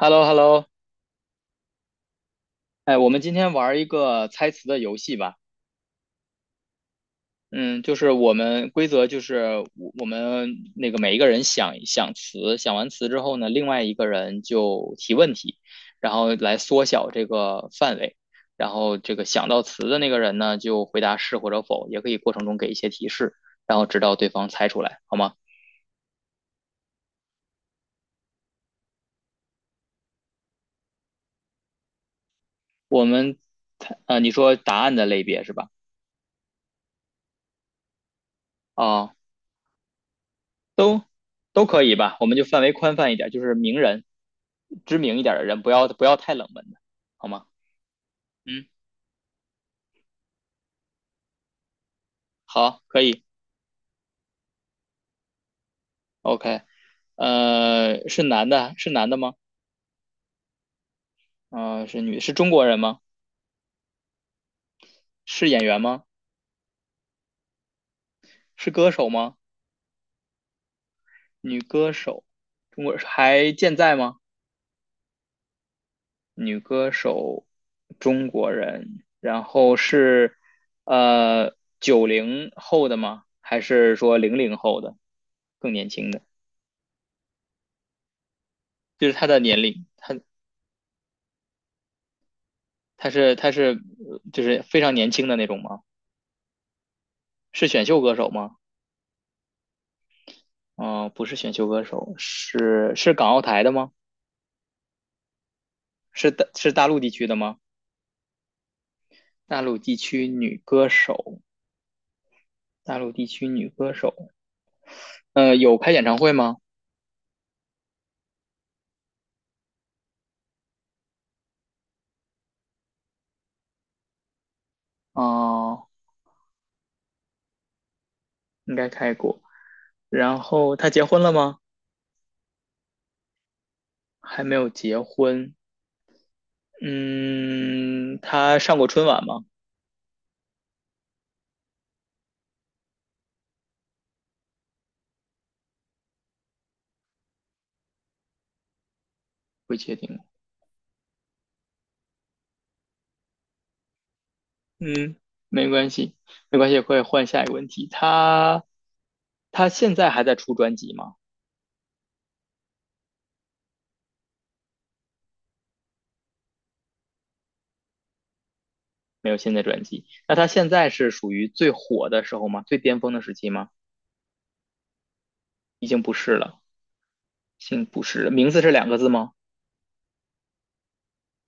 h e l l o h e l l o 哎，我们今天玩一个猜词的游戏吧。嗯，就是我们规则就是我们每一个人想词，想完词之后呢，另外一个人就提问题，然后来缩小这个范围。然后这个想到词的那个人呢，就回答是或者否，也可以过程中给一些提示，然后直到对方猜出来，好吗？我们猜，你说答案的类别是吧？啊、都都可以吧，我们就范围宽泛一点，就是名人，知名一点的人，不要太冷门的，好吗？嗯，好，可以，OK。是男的，是男的吗？啊，是女，是中国人吗？是演员吗？是歌手吗？女歌手，中国还健在吗？女歌手，中国人，然后是九零后的吗？还是说零零后的，更年轻的？就是他的年龄，他是就是非常年轻的那种吗？是选秀歌手吗？嗯、不是选秀歌手，是港澳台的吗？是大陆地区的吗？大陆地区女歌手，大陆地区女歌手。呃，有开演唱会吗？哦、应该开过。然后她结婚了吗？还没有结婚。嗯，她上过春晚吗？不确定。嗯，没关系，没关系，可以换下一个问题。他现在还在出专辑吗？没有新的专辑。那他现在是属于最火的时候吗？最巅峰的时期吗？已经不是了，已经不是了。名字是两个字吗？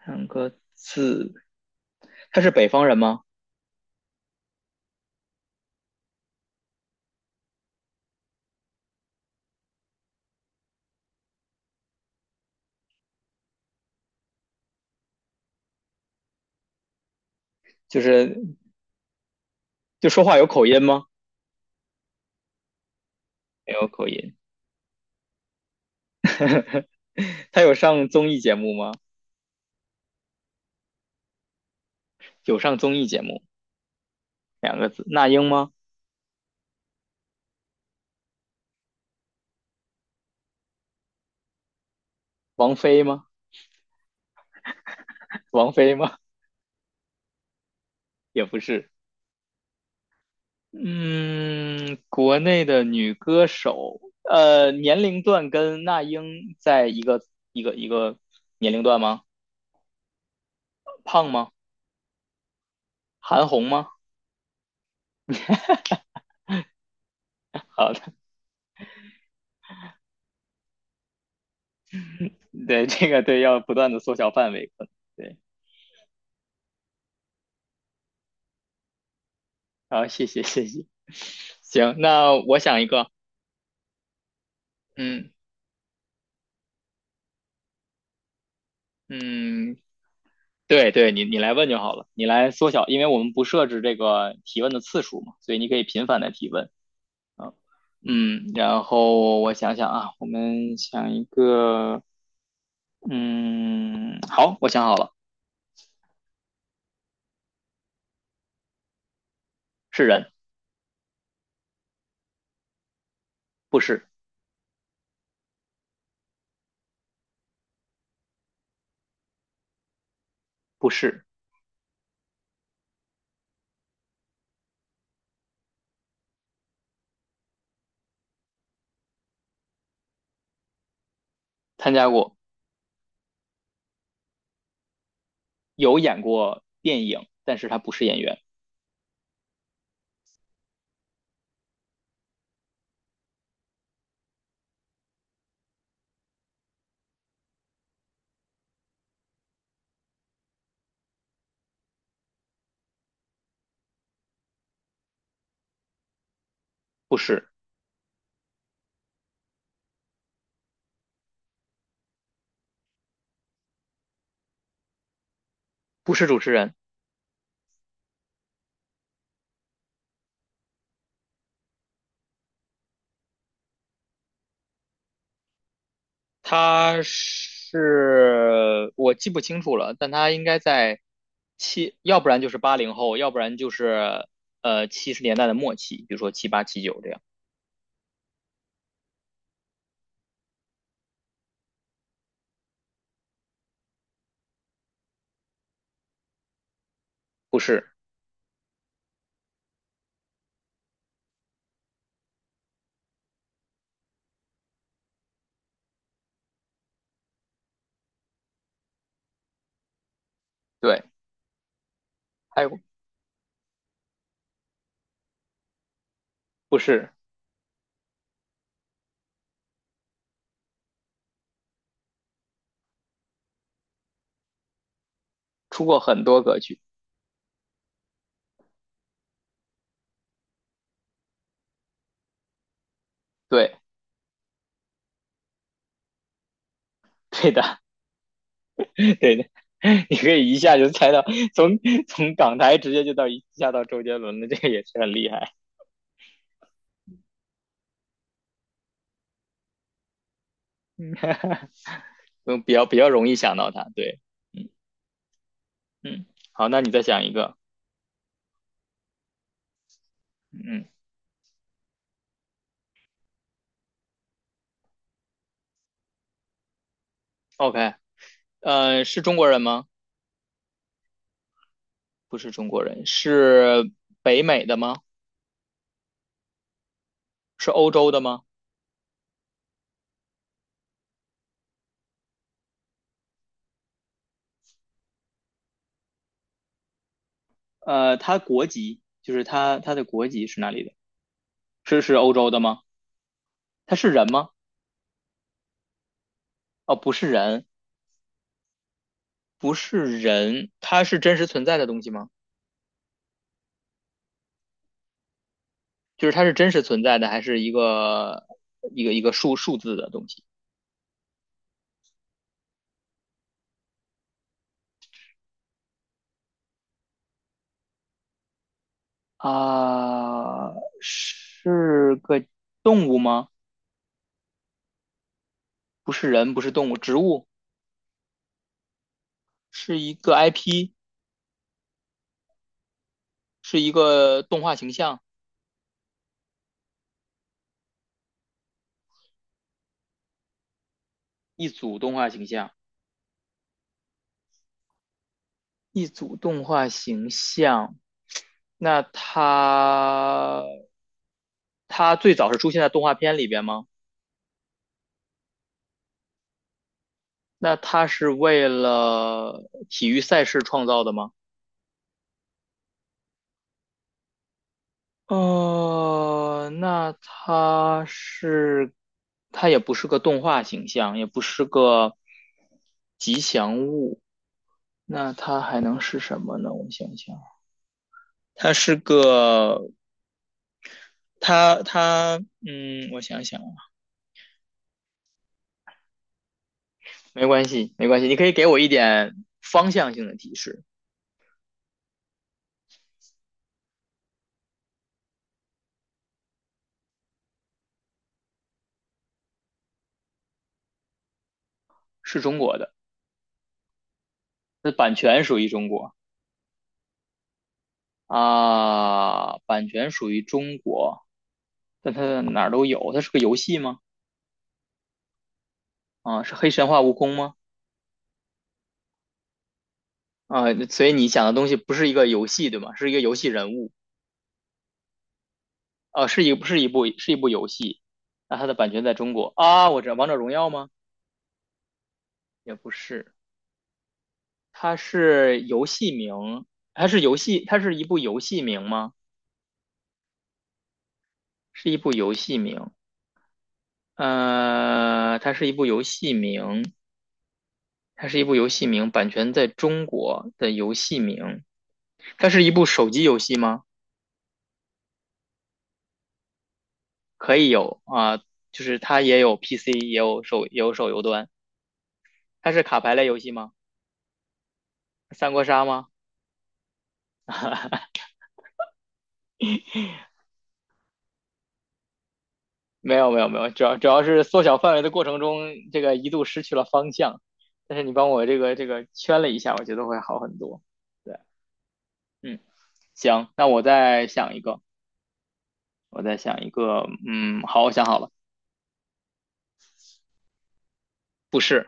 两个字。他是北方人吗？就是就说话有口音吗？没有口音。他有上综艺节目吗？有上综艺节目，两个字。那英吗？王菲吗？王菲吗？也不是。嗯，国内的女歌手，呃，年龄段跟那英在一个年龄段吗？胖吗？韩红吗？好的。对，这个对，要不断的缩小范围，可能对。好，谢谢，行，那我想一个。嗯嗯，对对，你来问就好了，你来缩小，因为我们不设置这个提问的次数嘛，所以你可以频繁的提问。啊嗯，然后我想想啊，我们想一个。嗯，好，我想好了。是人。不是。不是。参加过。有演过电影，但是他不是演员。不是。不是主持人。他是，我记不清楚了，但他应该在七，要不然就是八零后，要不然就是七十年代的末期，比如说七八七九这样。不是。对。还有不是。出过很多歌曲。对。对的。对的。你可以一下就猜到，从从港台直接就到一下到周杰伦的，这个也是很厉害。嗯，比较容易想到他，对。嗯嗯。好，那你再想一个。嗯，OK。呃，是中国人吗？不是中国人，是北美的吗？是欧洲的吗？呃，他国籍就是他的国籍是哪里的？是是欧洲的吗？他是人吗？哦，不是人，不是人。他是真实存在的东西吗？就是它是真实存在的，还是一个数字的东西啊？是个动物吗？不是人，不是动物，植物，是一个 IP,是一个动画形象，一组动画形象，一组动画形象。那它最早是出现在动画片里边吗？那它是为了体育赛事创造的吗？哦，那它是，它也不是个动画形象，也不是个，那它还能是什么呢？我想想，它是个，它它，嗯，我想想啊。没关系，没关系，你可以给我一点方向性的提示。是中国的，那版权属于中国啊，版权属于中国，但它哪儿都有，它是个游戏吗？啊，是黑神话悟空吗？啊，所以你想的东西不是一个游戏，对吗？是一个游戏人物，啊，是一是一部是一部游戏。那它的版权在中国啊，我知道《王者荣耀》吗？也不是。它是游戏名，它是游戏，它是一部游戏名吗？是一部游戏名，呃，它是一部游戏名，它是一部游戏名，版权在中国的游戏名，它是一部手机游戏吗？可以有啊，就是它也有 PC,也有手也有手游端，它是卡牌类游戏吗？三国杀吗？没有没有没有，主要是缩小范围的过程中，这个一度失去了方向。但是你帮我这个圈了一下，我觉得会好很多。对。嗯，行，那我再想一个，我再想一个。嗯，好，我想好了。不是。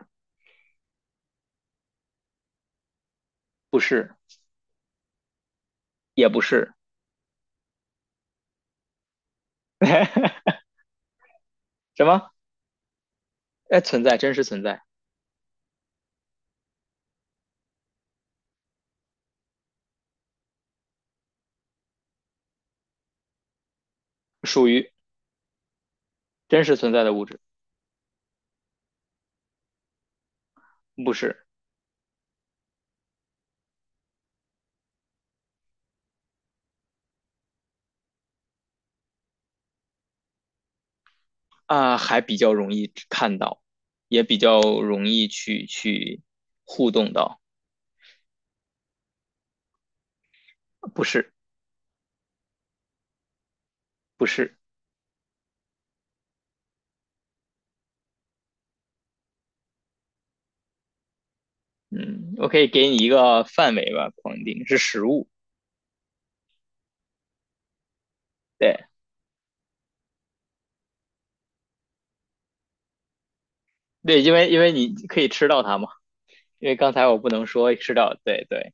不是。也不是。什么？哎，存在，真实存在。属于真实存在的物质。不是啊，还比较容易看到，也比较容易去互动到。不是。不是。嗯，我可以给你一个范围吧，框定是食物。对对，因为因为你可以吃到它嘛，因为刚才我不能说吃到，对对。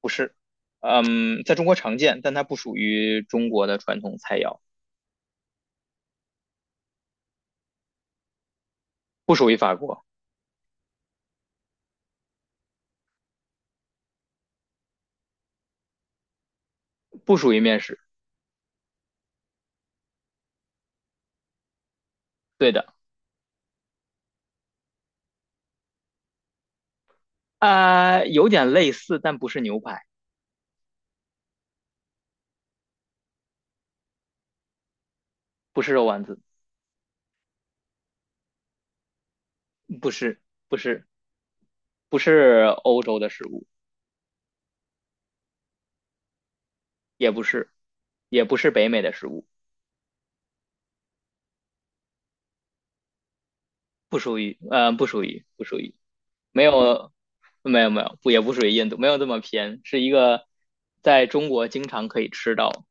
不是。嗯，在中国常见，但它不属于中国的传统菜肴。不属于法国。不属于面食。对的。啊、有点类似，但不是牛排。不是肉丸子。不是。不是，不是欧洲的食物。也不是，也不是北美的食物。不属于，呃，不属于，不属于。没有，没有没有，不也不属于印度，没有这么偏，是一个在中国经常可以吃到。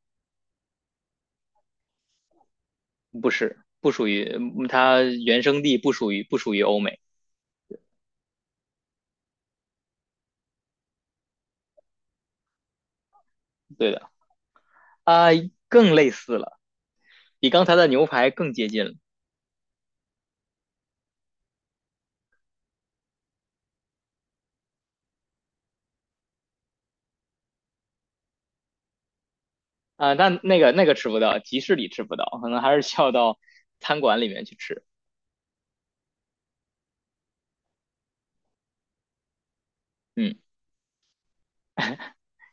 不是，不属于，嗯它原生地不属于欧美。对的。啊、更类似了，比刚才的牛排更接近了。啊、但那个那个吃不到，集市里吃不到，可能还是需要到餐馆里面去吃。嗯，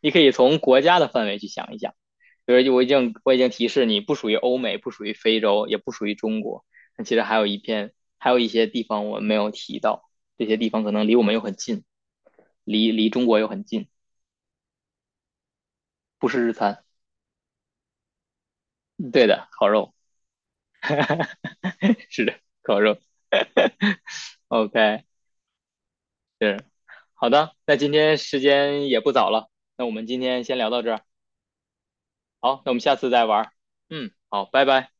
你可以从国家的范围去想一想。就我已经提示你不属于欧美，不属于非洲，也不属于中国。那其实还有一片，还有一些地方我们没有提到，这些地方可能离我们又很近，离中国又很近。不是日餐。嗯对的，烤肉。是的，烤肉。OK,是好的。那今天时间也不早了，那我们今天先聊到这儿。好，那我们下次再玩。嗯，好，拜拜。